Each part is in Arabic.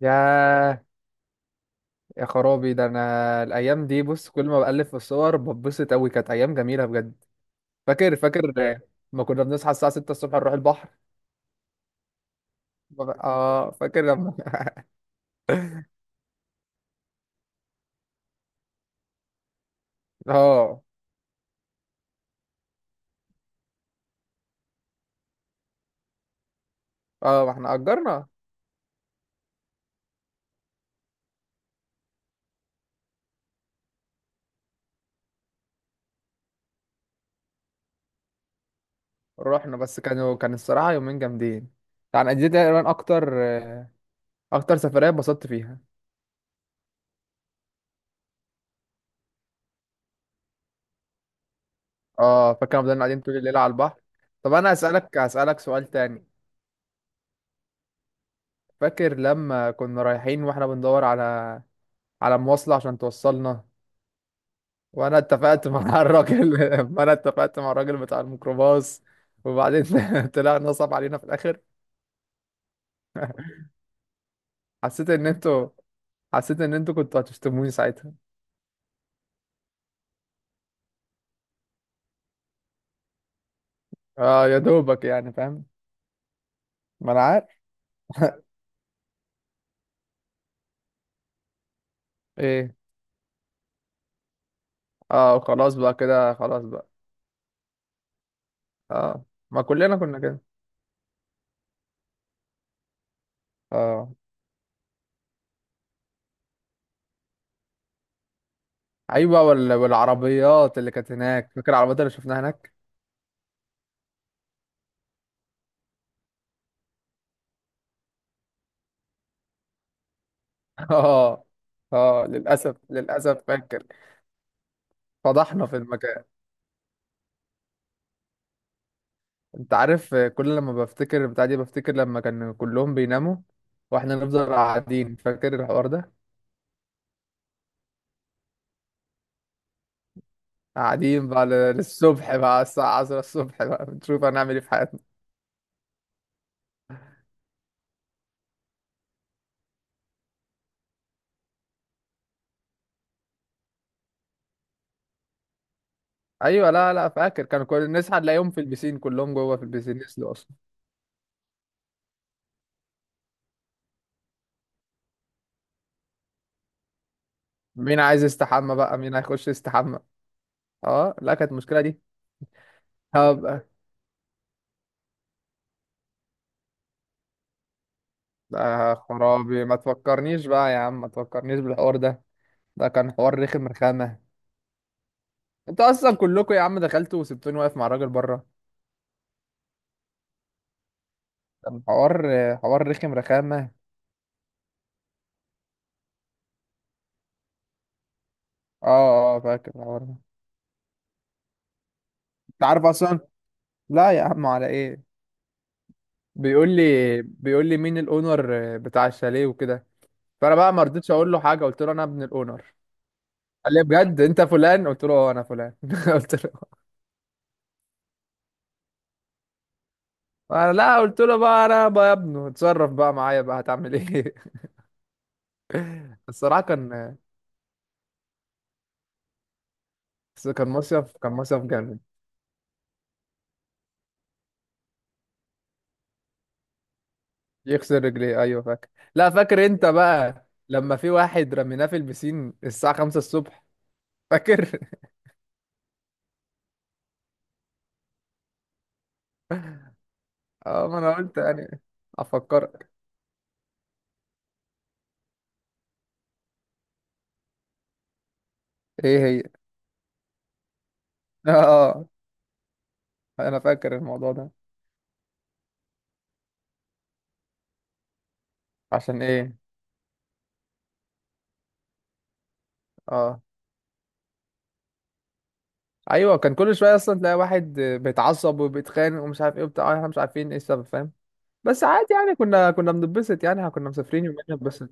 ياه، يا خرابي، ده انا الايام دي بص كل ما بألف في الصور بتبسط قوي، كانت ايام جميله بجد. فاكر فاكر، ما كنا بنصحى الساعه 6 الصبح نروح البحر. اه، فاكر لما اه، اه، ما احنا اجرنا. رحنا، بس كان الصراحه يومين جامدين. يعني دي تقريبا اكتر سفريه اتبسطت فيها. اه، فاكر لما فضلنا قاعدين طول الليل على البحر. طب انا اسالك سؤال تاني. فاكر لما كنا رايحين واحنا بندور على مواصله عشان توصلنا. وانا اتفقت مع الراجل وانا اتفقت مع الراجل بتاع الميكروباص. وبعدين طلع نصب علينا في الاخر. حسيت ان انتوا حسيت ان انتوا كنتوا هتشتموني ساعتها. اه، يا دوبك يعني، فاهم. ما انا عارف. ايه. اه، خلاص بقى، كده خلاص بقى. اه، ما كلنا كنا كده. اه، ايوه، والعربيات اللي كانت هناك. فاكر العربيات اللي شفناها هناك. اه، اه، للاسف للاسف فاكر. فضحنا في المكان. انت عارف كل لما بفتكر البتاع دي بفتكر لما كان كلهم بيناموا، واحنا نفضل قاعدين، فاكر الحوار ده. قاعدين بقى للصبح بقى، الساعة 10 الصبح بقى بنشوف هنعمل ايه في حياتنا. ايوه، لا، لا، فاكر. كانوا كل نصحى نلاقيهم في البسين، كلهم جوه في البسين يسلوا اصلا. مين عايز يستحمى بقى؟ مين هيخش يستحمى؟ اه، لا، كانت المشكلة دي. هبقى، آه خرابي، ما تفكرنيش بقى يا عم، ما تفكرنيش بالحوار ده. ده كان حوار رخم رخامة. انت اصلا كلكم يا عم دخلتوا وسبتوني واقف مع الراجل بره. كان حوار رخم رخامة. اه، اه، فاكر الحوار ده. انت عارف اصلا. لا يا عم، على ايه؟ بيقول لي مين الاونر بتاع الشاليه وكده. فانا بقى ما رضيتش اقول له حاجة، قلت له انا ابن الاونر. قال لي بجد انت فلان؟ قلت له اه انا فلان. قلت له انا، لا، قلت له بقى، انا بقى يا ابنه اتصرف بقى معايا بقى هتعمل ايه. الصراحة كان مصيف جامد. يكسر رجليه، ايوه فاكر. لا، فاكر انت بقى لما في واحد رميناه في البسين الساعة 5 الصبح، فاكر؟ اه، ما انا قلت يعني. افكرك. ايه هي؟ اه، انا فاكر الموضوع ده. عشان ايه؟ اه، ايوه، كان كل شويه اصلا تلاقي واحد بيتعصب وبيتخانق ومش عارف ايه وبتاع احنا مش عارفين ايه السبب، فاهم. بس عادي يعني، كنا بنتبسط يعني، إحنا كنا مسافرين يومين بنتبسط.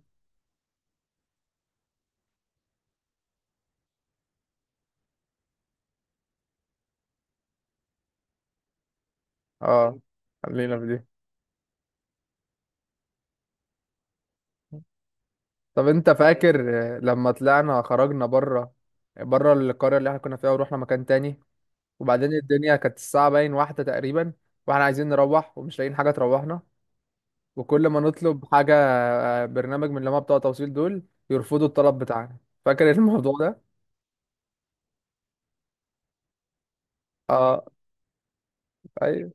اه، خلينا في دي. طب انت فاكر لما خرجنا بره، بره القريه اللي احنا كنا فيها، ورحنا مكان تاني. وبعدين الدنيا كانت الساعه باين واحده تقريبا، واحنا عايزين نروح ومش لاقيين حاجه تروحنا. وكل ما نطلب حاجة برنامج من اللي هما بتوع توصيل دول، يرفضوا الطلب بتاعنا. فاكر الموضوع ده؟ اه، ايوه،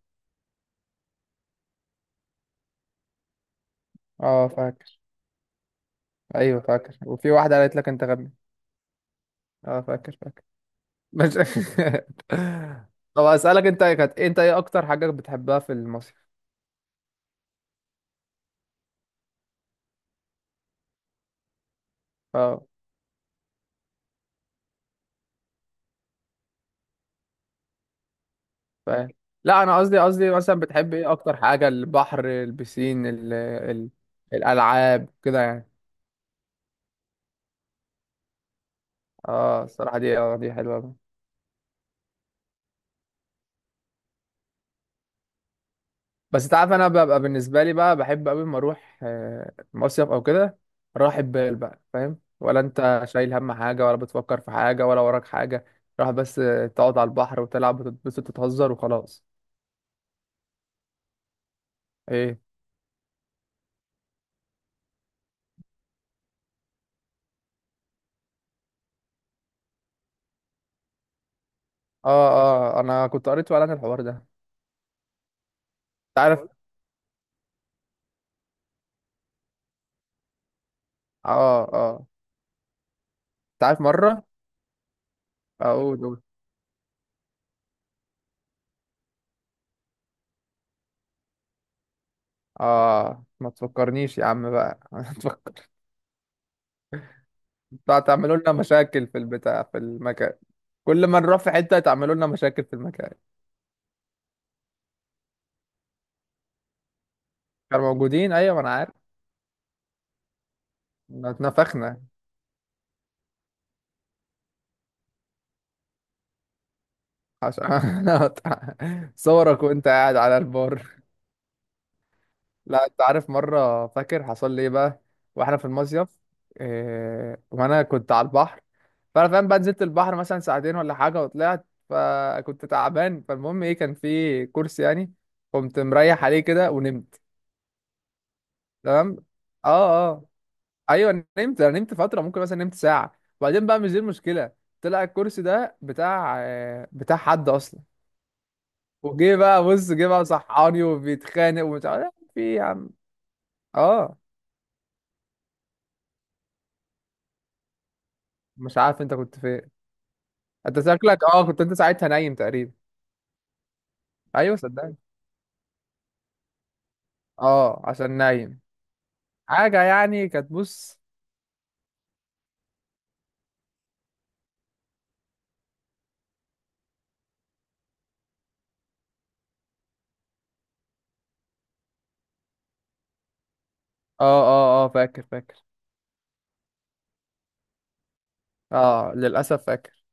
اه فاكر. ايوه فاكر، وفي واحدة قالت لك انت غبي. اه، فاكر فاكر مش طب اسألك انت انت ايه اكتر حاجة بتحبها في المصيف؟ اه، فاهم. لا انا قصدي مثلا بتحب ايه اكتر حاجة، البحر، البسين، الالعاب كده يعني. اه الصراحة دي، دي حلوة. بس انت عارف، انا ببقى بالنسبه لي بقى بحب قوي لما اروح مصيف او كده. راحة بال بقى، فاهم؟ ولا انت شايل هم حاجه، ولا بتفكر في حاجه، ولا وراك حاجه. راح بس تقعد على البحر وتلعب وتتبسط وتهزر وخلاص. ايه؟ اه، اه، انا كنت قريت فعلا الحوار ده انت عارف. اه، اه، انت عارف مره. أقول. اه، ما تفكرنيش يا عم بقى. ما تفكر تعملوا لنا مشاكل في البتاع في المكان. كل ما نروح في حته، تعملوا لنا مشاكل في المكان. كانوا موجودين ايوه، ما انا عارف. احنا اتنفخنا. عشان صورك وانت قاعد على البار. لا، انت عارف مرة فاكر حصل لي ايه بقى، واحنا في المصيف. إيه، وانا كنت على البحر. فانا فاهم بقى، نزلت البحر مثلا ساعتين ولا حاجة وطلعت، فكنت تعبان، فالمهم ايه، كان في كرسي يعني. قمت مريح عليه كده ونمت. تمام. اه، اه، ايوه، نمت، انا نمت فترة ممكن، مثلا نمت ساعة. وبعدين بقى، مش دي المشكلة. طلع الكرسي ده بتاع حد اصلا. وجه بقى، بص، جه بقى صحاني وبيتخانق ومش عارف في إيه يا عم. اه، مش عارف انت كنت فين. انت شكلك كنت انت ساعتها نايم تقريبا. ايوه صدقني. اه، عشان نايم. حاجة يعني كانت، بص. اه، اه، اه، فاكر فاكر. اه، للأسف فاكر.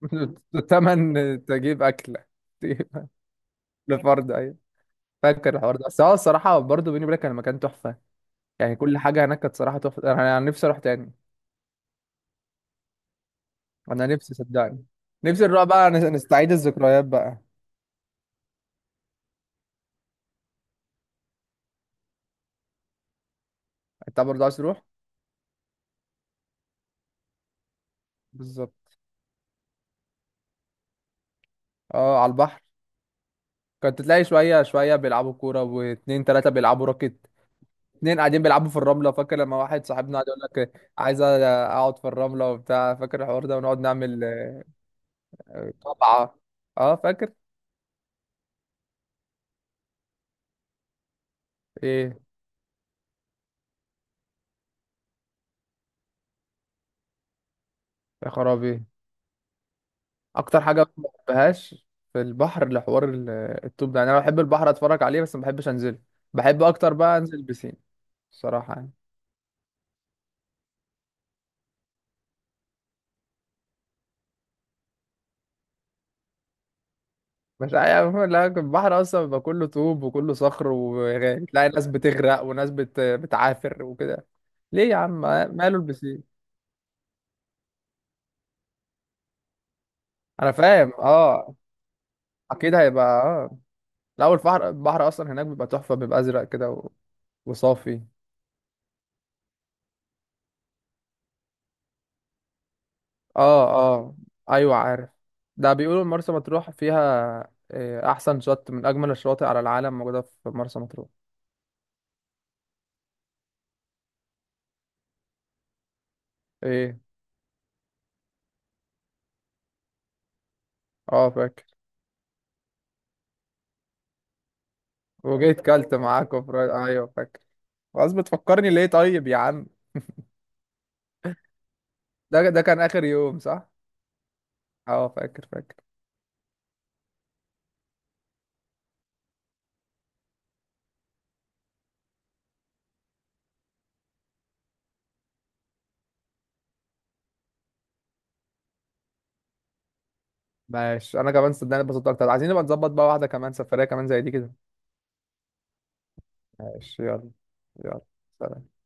تمن تجيب أكلة. تجيب لفرد، أيوة. فاكر الحوار ده، بس هو الصراحة برضه بيني وبينك كان مكان تحفة. يعني كل حاجة هناك كانت صراحة تحفة. أنا نفسي أروح تاني. أنا نفسي صدقني. نفسي نروح بقى نستعيد الذكريات بقى. انت برضه عايز تروح؟ بالظبط. اه، على البحر. كنت تلاقي شويه شويه بيلعبوا كوره، واتنين تلاته بيلعبوا راكت. اتنين قاعدين بيلعبوا في الرمله. فاكر لما واحد صاحبنا قعد يقول لك عايز اقعد في الرمله وبتاع، فاكر الحوار ده، ونقعد نعمل طبعه. اه، فاكر. ايه؟ يا خرابي، اكتر حاجه ما بحبهاش في البحر لحوار الطوب ده. يعني انا بحب البحر اتفرج عليه بس ما بحبش انزله. بحب اكتر بقى انزل بسين، الصراحه يعني. مش عارف. لا، البحر اصلا بيبقى كله طوب وكله صخر، وتلاقي ناس بتغرق وناس بتعافر وكده. ليه يا عم؟ ماله البسين؟ انا فاهم. اه، اكيد هيبقى. اه. الاول البحر اصلا هناك بيبقى تحفه، بيبقى ازرق كده وصافي. اه، اه، ايوه عارف. ده بيقولوا مرسى مطروح فيها احسن شط من اجمل الشواطئ على العالم، موجوده في مرسى مطروح. ايه؟ اه، فاكر. وجيت كلت معاكم فرايد، ايوه فاكر. خلاص، بتفكرني ليه طيب يا عم؟ ده كان اخر يوم، صح؟ اه، فاكر فاكر. ماشي، انا كمان صدقني اتبسطت اكتر، عايزين نبقى نظبط بقى واحده كمان، سفريه كمان زي دي كده. ماشي يلا. يلا. سلام.